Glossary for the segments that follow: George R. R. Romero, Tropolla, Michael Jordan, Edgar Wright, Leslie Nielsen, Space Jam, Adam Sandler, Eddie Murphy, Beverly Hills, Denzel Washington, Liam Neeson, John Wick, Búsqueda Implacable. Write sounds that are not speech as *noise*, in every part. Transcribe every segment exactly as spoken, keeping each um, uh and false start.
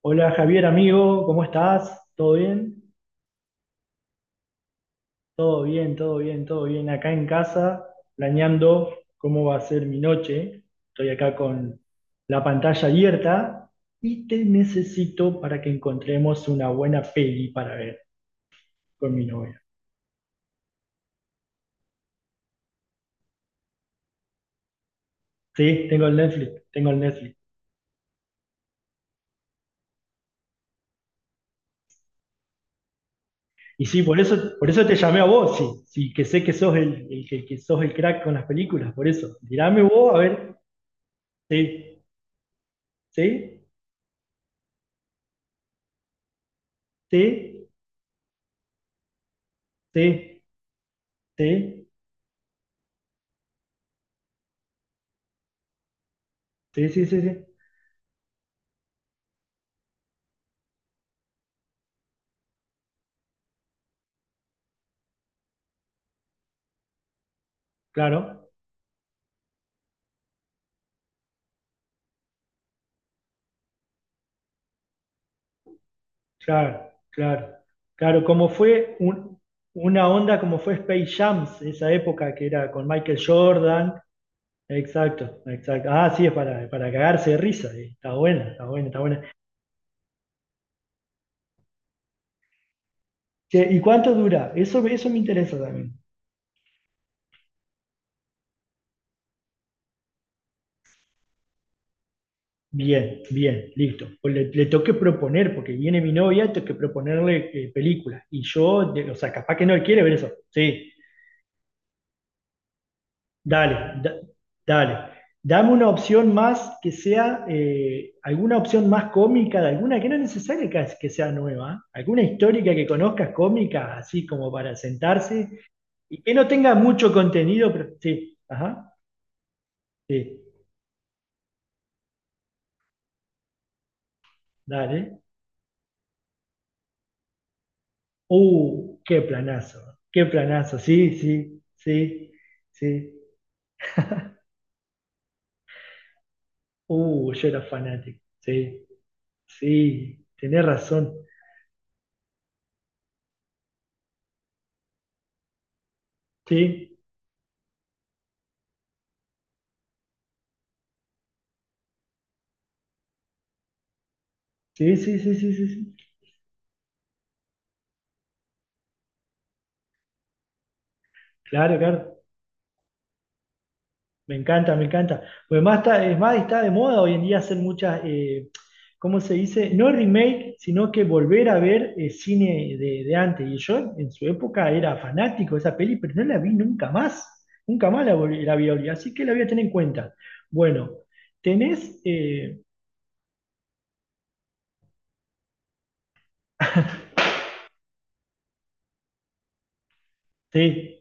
Hola Javier, amigo, ¿cómo estás? ¿Todo bien? Todo bien, todo bien, todo bien. Acá en casa, planeando cómo va a ser mi noche. Estoy acá con la pantalla abierta y te necesito para que encontremos una buena peli para ver con mi novia. Sí, tengo el Netflix, tengo el Netflix. Y sí, por eso, por eso te llamé a vos, sí, sí, que sé que sos el, el que, que sos el crack con las películas, por eso. Tirame vos, a ver. Sí, sí, sí, sí, sí. Sí, sí, sí, sí. Claro, claro, claro. Claro, como fue un- una onda como fue Space Jam, esa época que era con Michael Jordan. Exacto, exacto. Ah, sí, es para, para cagarse de risa. eh. Está buena, está buena, está buena. Che, ¿y cuánto dura? Eso, eso me interesa también. Bien, bien, listo. Pues le, le tengo que proponer, porque viene mi novia, tengo que proponerle eh, películas. Y yo, de- o sea, capaz que no quiere ver eso. Sí, Dale, da- dale. Dame una opción más que sea, eh, alguna opción más cómica de alguna, que no es necesario que, que sea nueva, ¿eh? Alguna histórica que conozcas cómica, así como para sentarse, y que no tenga mucho contenido, pero sí, ajá, sí, dale. Uh, qué planazo, qué planazo, sí, sí, sí, sí. Uh, yo era fanático, sí, sí, tenés razón, sí, sí, sí, sí, sí, sí, sí. Claro, claro. Me encanta, me encanta. Pues más está, es más, está de moda hoy en día hacer muchas, eh, ¿cómo se dice? No remake, sino que volver a ver eh, cine de, de antes. Y yo en su época era fanático de esa peli, pero no la vi nunca más. Nunca más la, vol- la vi, Oli. Así que la voy a tener en cuenta. Bueno, tenés, eh, sí.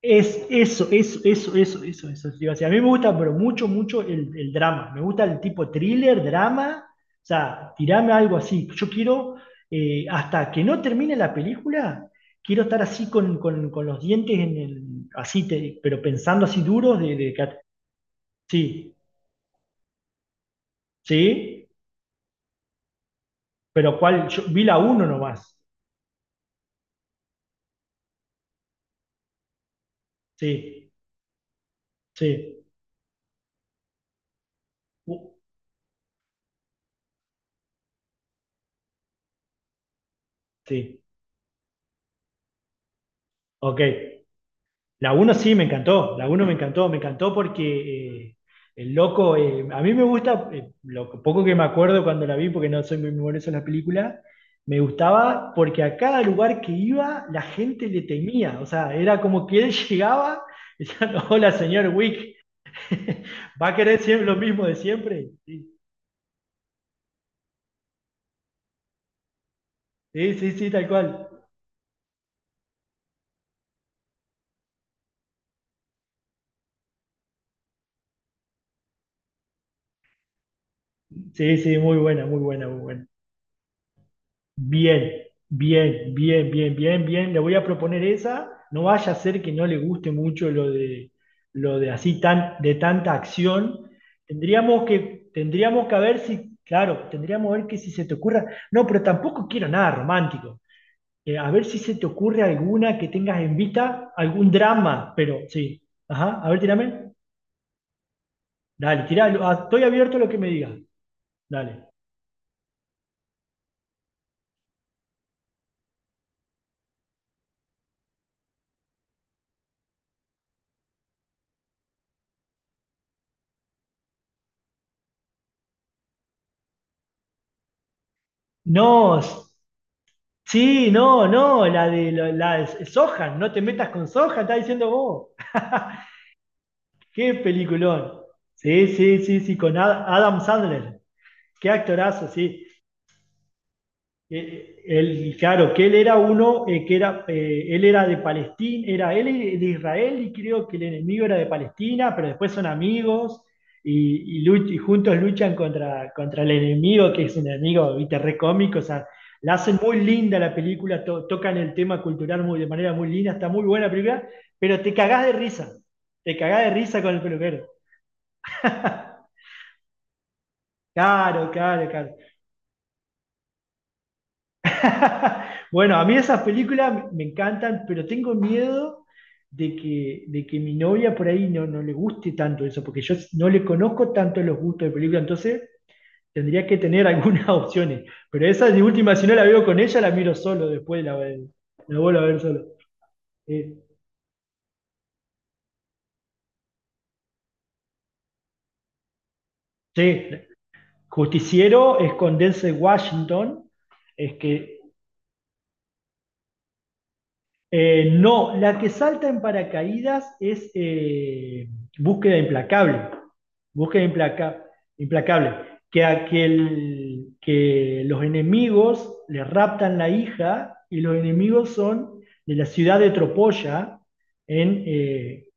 Es eso, eso, eso, eso, eso, eso. Digo, o sea, a mí me gusta, pero mucho, mucho el, el drama. Me gusta el tipo thriller, drama. O sea, tirame algo así. Yo quiero, eh, hasta que no termine la película, quiero estar así con, con- con los dientes en el, así, te- pero pensando así duros de, de que- sí, sí, pero cuál, yo vi la uno nomás. Sí, sí, u- sí, ok. La uno sí, me encantó, la uno me encantó, me encantó porque eh, el loco, eh, a mí me gusta, eh, lo poco que me acuerdo cuando la vi, porque no soy muy memorioso en las películas, me gustaba porque a cada lugar que iba la gente le temía, o sea, era como que él *laughs* llegaba y decía "No, hola señor Wick, *laughs* va a querer siempre lo mismo de siempre". Sí, sí, sí, sí, tal cual. Sí, sí, muy buena, muy buena, muy buena. Bien, bien, bien, bien, bien, bien. Le voy a proponer esa. No vaya a ser que no le guste mucho lo de, lo de así tan, de tanta acción. Tendríamos que, tendríamos que ver si, claro, tendríamos que ver que si se te ocurra. No, pero tampoco quiero nada romántico. Eh, a ver si se te ocurre alguna que tengas en vista, algún drama, pero sí. Ajá, a ver, tírame. Dale, tirá. lo- ah, Estoy abierto a lo que me digas. Dale. No, sí, no, no, la de la, la de Sohan, no te metas con Sohan, está diciendo vos. *laughs* Qué peliculón. Sí, sí, sí, sí, con Ad- Adam Sandler. Qué actorazo, sí. Eh, él, claro, que él era uno, eh, que era, eh, él era de Palestina, era él de Israel y creo que el enemigo era de Palestina, pero después son amigos y, y luch- y juntos luchan contra, contra el enemigo, que es un enemigo, viste, re cómico, o sea, la hacen muy linda la película, to- tocan el tema cultural muy, de manera muy linda, está muy buena la película, pero te cagás de risa, te cagás de risa con el peluquero. Claro, claro, claro. *laughs* Bueno, a mí esas películas me encantan, pero tengo miedo de que, de que mi novia por ahí no, no le guste tanto eso, porque yo no le conozco tanto los gustos de película, entonces tendría que tener algunas *laughs* opciones. Pero esa de última, si no la veo con ella, la miro solo después, la, la vuelvo a ver solo. Eh, sí, Justiciero es con Denzel Washington, es que eh, no, la que salta en paracaídas es eh, Búsqueda Implacable. Búsqueda implaca- Implacable. Que, aquel, que los enemigos le raptan la hija y los enemigos son de la ciudad de Tropolla en, eh,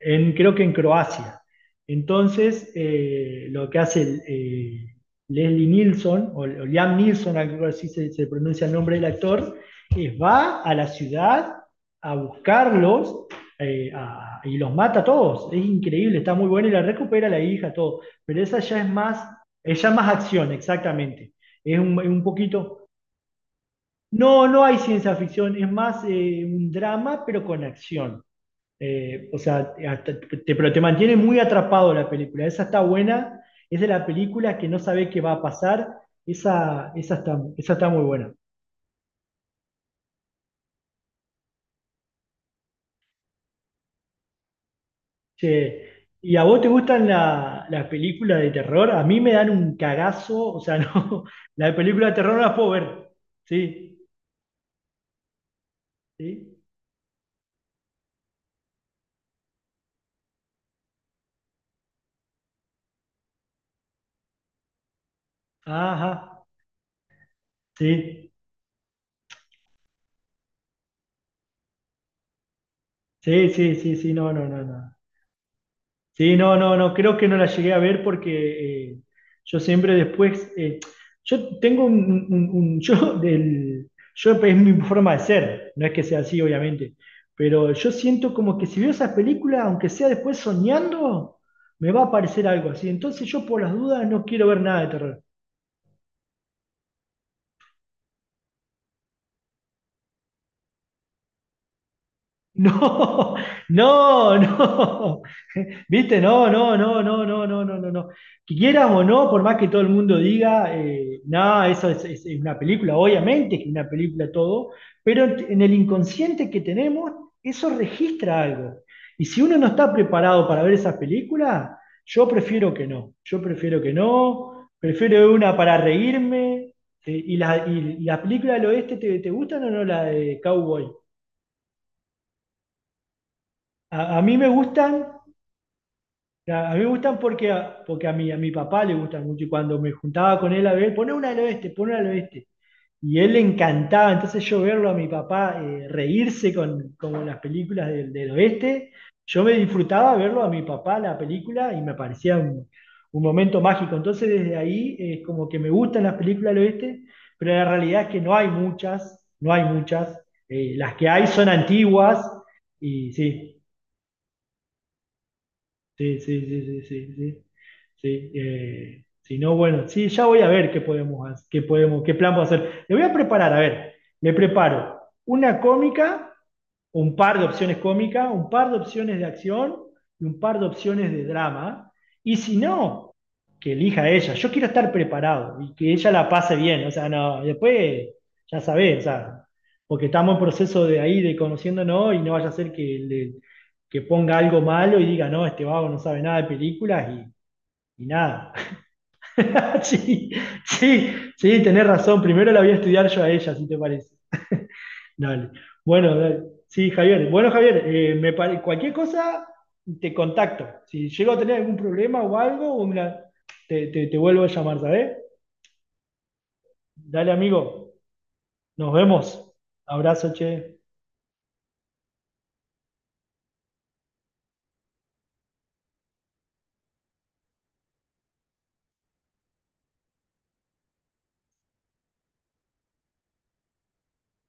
en, creo que en Croacia. Entonces, eh, lo que hace el, eh, Leslie Nielsen o, o Liam Neeson, algo así se, se pronuncia el nombre del actor, es va a la ciudad a buscarlos eh, a- y los mata a todos. Es increíble, está muy bueno y la recupera la hija, todo. Pero esa ya es más, es ya más acción, exactamente. Es un, un poquito. No, no hay ciencia ficción, es más eh, un drama, pero con acción. Eh, o sea, hasta- te- pero te mantiene muy atrapado la película. Esa está buena, es de la película que no sabe qué va a pasar. Esa, esa está, esa está muy buena. Che, ¿y a vos te gustan la- las películas de terror? A mí me dan un cagazo, o sea, *laughs* no, las películas de terror no las puedo ver. Sí, sí, ajá, sí, sí, sí, sí, sí, no, no, no, no. Sí, no, no, no, creo que no la llegué a ver porque eh, yo siempre después, eh, yo tengo un, un- un- *laughs* yo del, yo es mi forma de ser, no es que sea así, obviamente, pero yo siento como que si veo esas películas, aunque sea después soñando, me va a aparecer algo así, entonces yo por las dudas no quiero ver nada de terror. *laughs* No, no, no. ¿Viste? No, no, no, no, no, no, no, no, no. Que quieras o no, por más que todo el mundo diga, eh, no, eso es, es- es una película, obviamente que es una película todo, pero en en el inconsciente que tenemos, eso registra algo. Y si uno no está preparado para ver esas películas, yo prefiero que no. Yo prefiero que no, prefiero ver una para reírme. Eh, ¿y la, y la película del oeste te, te gustan o no la de Cowboy? A, a mí me gustan. A a mí me gustan porque a, porque a, mi, a mi papá le gustan mucho y cuando me juntaba con él a ver, pone una al oeste, pone una al oeste. Y él le encantaba, entonces yo verlo a mi papá eh, reírse con, con las películas del, del oeste, yo me disfrutaba verlo a mi papá la película y me parecía un, un momento mágico. Entonces desde ahí es como que me gustan las películas del oeste, pero la realidad es que no hay muchas, no hay muchas. Eh, las que hay son antiguas y sí. Sí, sí, sí, sí, sí, sí. Sí, eh, si no, bueno, sí, ya voy a ver qué podemos, ha- qué podemos, qué plan puedo hacer. Le voy a preparar, a ver, me preparo una cómica, un par de opciones cómicas, un par de opciones de acción y un par de opciones de drama. Y si no, que elija ella. Yo quiero estar preparado y que ella la pase bien. O sea, no, después ya sabés, o sea, porque estamos en proceso de ahí, de conociéndonos y no vaya a ser que le que ponga algo malo y diga, no, este vago no sabe nada de películas y, y nada. *laughs* Sí, sí, sí, tenés razón. Primero la voy a estudiar yo a ella, si te parece. Dale. Bueno, dale. Sí, Javier. Bueno, Javier, eh, me pare- cualquier cosa te contacto. Si llego a tener algún problema o algo, o mira, te, te, te vuelvo a llamar, ¿sabes? Dale, amigo. Nos vemos. Abrazo, che.